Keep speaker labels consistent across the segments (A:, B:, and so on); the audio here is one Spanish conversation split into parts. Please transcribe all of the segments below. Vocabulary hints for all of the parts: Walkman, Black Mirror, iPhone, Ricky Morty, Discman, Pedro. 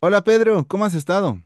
A: Hola Pedro, ¿cómo has estado?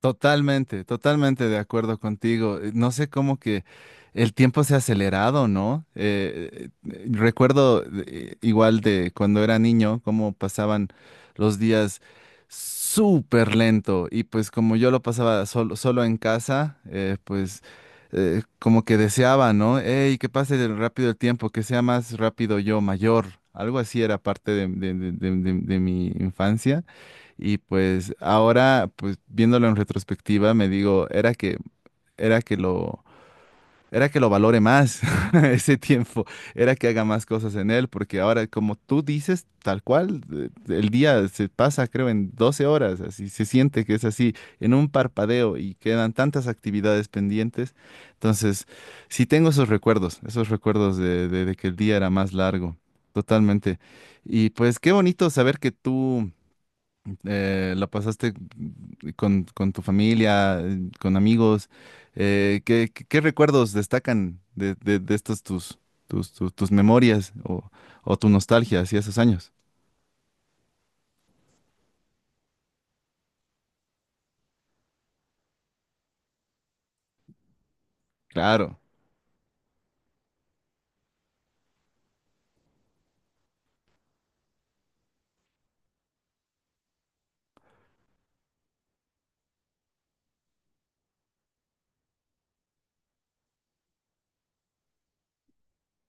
A: Totalmente, totalmente de acuerdo contigo. No sé cómo que el tiempo se ha acelerado, ¿no? Recuerdo, igual, de cuando era niño, cómo pasaban los días súper lento. Y pues como yo lo pasaba solo, solo en casa, pues, como que deseaba, ¿no? ¡Ey, que pase rápido el tiempo, que sea más rápido yo, mayor! Algo así era parte de mi infancia. Y pues ahora, pues viéndolo en retrospectiva, me digo, era que lo, era que lo valore más, ese tiempo, era que haga más cosas en él, porque ahora, como tú dices, tal cual, el día se pasa, creo, en 12 horas, así se siente que es así, en un parpadeo, y quedan tantas actividades pendientes. Entonces, sí tengo esos recuerdos, esos recuerdos de que el día era más largo, totalmente. Y pues qué bonito saber que tú. ¿La pasaste con, tu familia, con amigos? ¿Qué recuerdos destacan de estas tus memorias o tu nostalgia hacia esos años? Claro.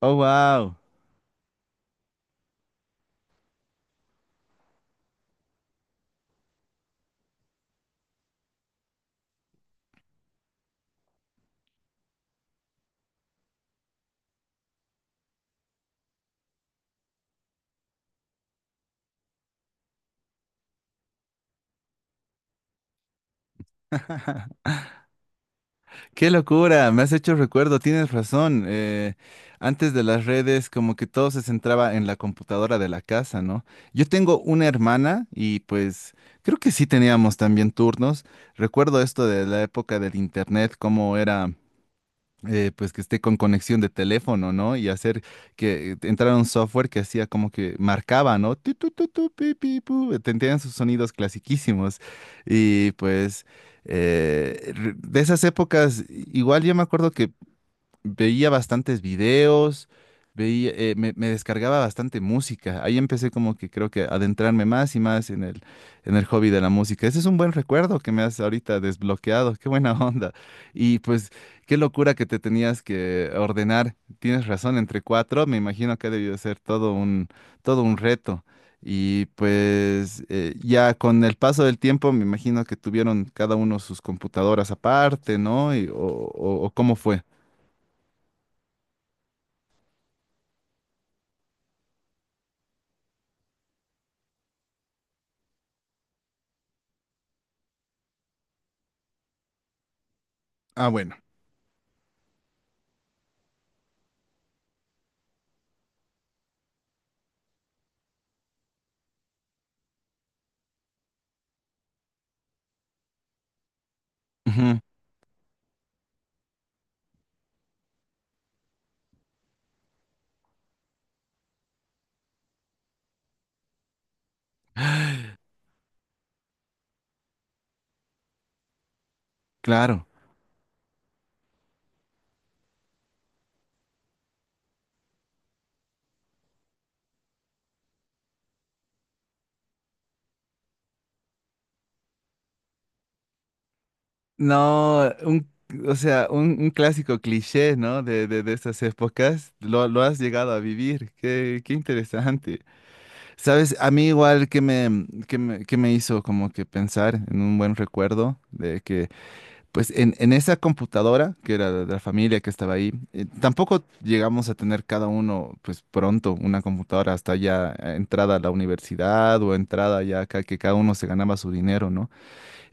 A: Oh, wow. Qué locura, me has hecho recuerdo, tienes razón. Antes de las redes, como que todo se centraba en la computadora de la casa, ¿no? Yo tengo una hermana y pues creo que sí teníamos también turnos. Recuerdo esto de la época del internet, cómo era. Pues que esté con conexión de teléfono, ¿no? Y hacer que entrara un software que hacía como que marcaba, ¿no? Tu, pi, pi, pu. Tenían sus sonidos clasiquísimos. Y pues, de esas épocas, igual yo me acuerdo que veía bastantes videos, me descargaba bastante música. Ahí empecé como que creo que adentrarme más y más en el hobby de la música. Ese es un buen recuerdo que me has ahorita desbloqueado. Qué buena onda. Y pues qué locura que te tenías que ordenar. Tienes razón, entre cuatro, me imagino que ha debido ser todo un reto. Y pues, ya con el paso del tiempo me imagino que tuvieron cada uno sus computadoras aparte, ¿no? O cómo fue. Ah, bueno. Ujú. Claro. No, o sea, un clásico cliché, ¿no? De estas épocas, lo has llegado a vivir. Qué interesante. Sabes, a mí igual, que me hizo como que pensar en un buen recuerdo de que, pues, en esa computadora, que era de la familia que estaba ahí, tampoco llegamos a tener cada uno, pues, pronto una computadora, hasta ya, entrada a la universidad, o entrada ya acá, que cada uno se ganaba su dinero, ¿no?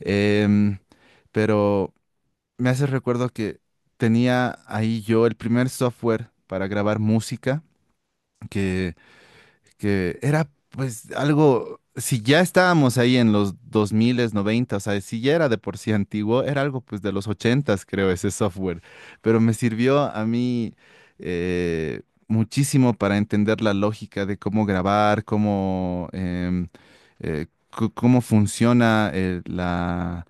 A: Em, pero me hace recuerdo que tenía ahí yo el primer software para grabar música, que era pues algo, si ya estábamos ahí en los 2090, o sea, si ya era de por sí antiguo, era algo pues de los 80, creo, ese software, pero me sirvió a mí, eh, muchísimo, para entender la lógica de cómo grabar, cómo, eh, cómo funciona, la...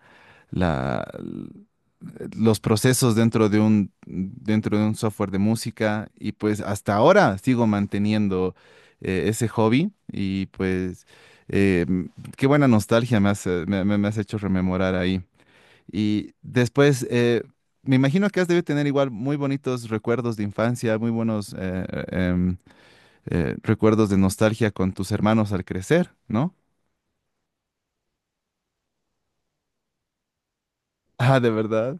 A: la los procesos dentro de un software de música. Y pues hasta ahora sigo manteniendo, ese hobby. Y pues, eh, m- qué buena nostalgia me has hecho rememorar ahí. Y después, me imagino que has debido tener igual muy bonitos recuerdos de infancia, muy buenos, recuerdos de nostalgia con tus hermanos al crecer, ¿no? Ah, ¿de verdad?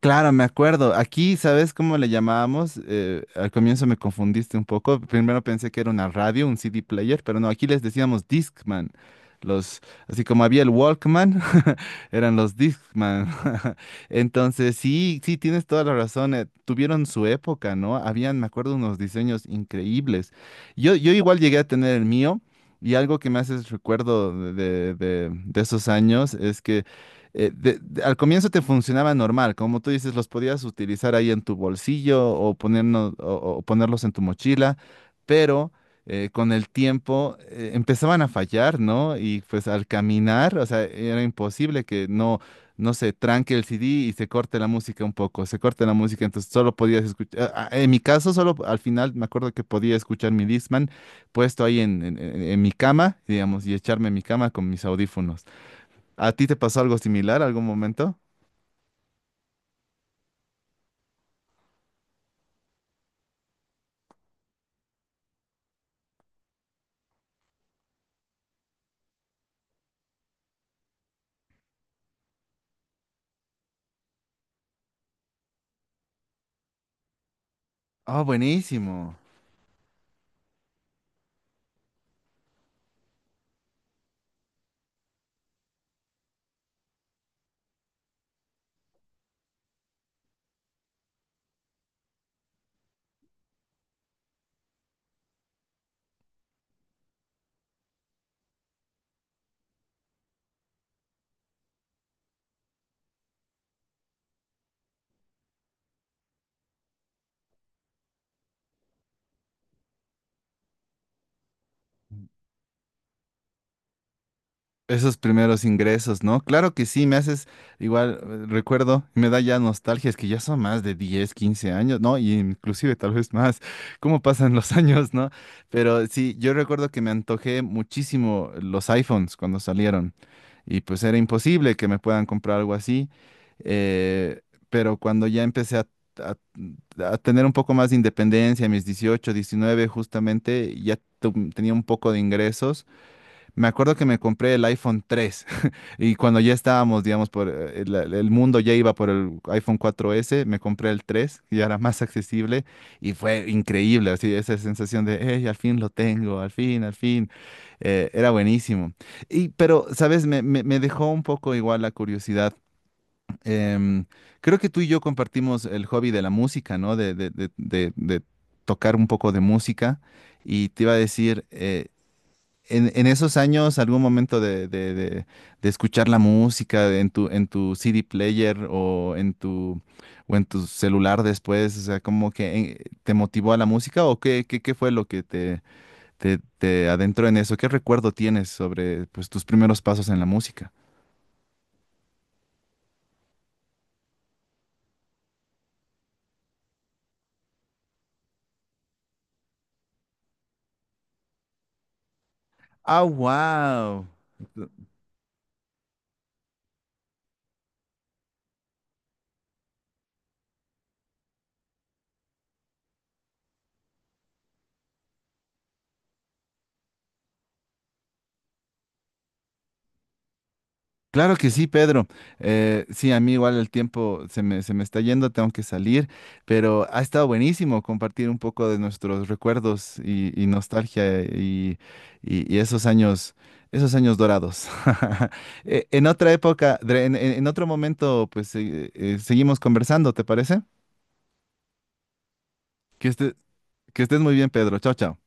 A: Claro, me acuerdo. Aquí, ¿sabes cómo le llamábamos? Al comienzo me confundiste un poco. Primero pensé que era una radio, un CD player, pero no, aquí les decíamos Discman. Los, Así como había el Walkman, eran los Discman. Entonces, sí, sí, tienes toda la razón. Tuvieron su época, ¿no? Habían, me acuerdo, unos diseños increíbles. Yo igual llegué a tener el mío. Y algo que me hace recuerdo de esos años es que, al comienzo te funcionaba normal, como tú dices, los podías utilizar ahí en tu bolsillo, o ponerlos en tu mochila, pero, con el tiempo, empezaban a fallar, ¿no? Y pues al caminar, o sea, era imposible que no se tranque el CD y se corte la música un poco, se corte la música. Entonces solo podías escuchar, en mi caso, solo al final me acuerdo que podía escuchar mi Discman puesto ahí en mi cama, digamos, y echarme en mi cama con mis audífonos. ¿A ti te pasó algo similar algún momento? Ah, buenísimo. Esos primeros ingresos, ¿no? Claro que sí, me haces, igual, recuerdo, y me da ya nostalgia. Es que ya son más de 10, 15 años, ¿no? Y inclusive tal vez más. Cómo pasan los años, ¿no? Pero sí, yo recuerdo que me antojé muchísimo los iPhones cuando salieron, y pues era imposible que me puedan comprar algo así. Eh, pero cuando ya empecé a- a tener un poco más de independencia, a mis 18, 19 justamente, ya tenía un poco de ingresos. Me acuerdo que me compré el iPhone 3, y cuando ya estábamos, digamos, por, el mundo ya iba por el iPhone 4s, me compré el 3, que ya era más accesible, y fue increíble, así, esa sensación de, hey, al fin lo tengo, al fin, era buenísimo. Y pero, ¿sabes? Me dejó un poco, igual, la curiosidad. Em, Creo que tú y yo compartimos el hobby de la música, ¿no? De tocar un poco de música. Y te iba a decir... en esos años, algún momento de, de escuchar la música en tu CD player, o en tu celular después, o sea, como que, ¿te motivó a la música, o qué fue lo que te adentró en eso? ¿Qué recuerdo tienes sobre, pues, tus primeros pasos en la música? Ah, wow. Claro que sí, Pedro. Sí, a mí igual el tiempo se me está yendo, tengo que salir, pero ha estado buenísimo compartir un poco de nuestros recuerdos y, nostalgia, y esos años dorados. En otra época, en otro momento, pues, seguimos conversando, ¿te parece? Que estés, que estés muy bien, Pedro. Chao, chao.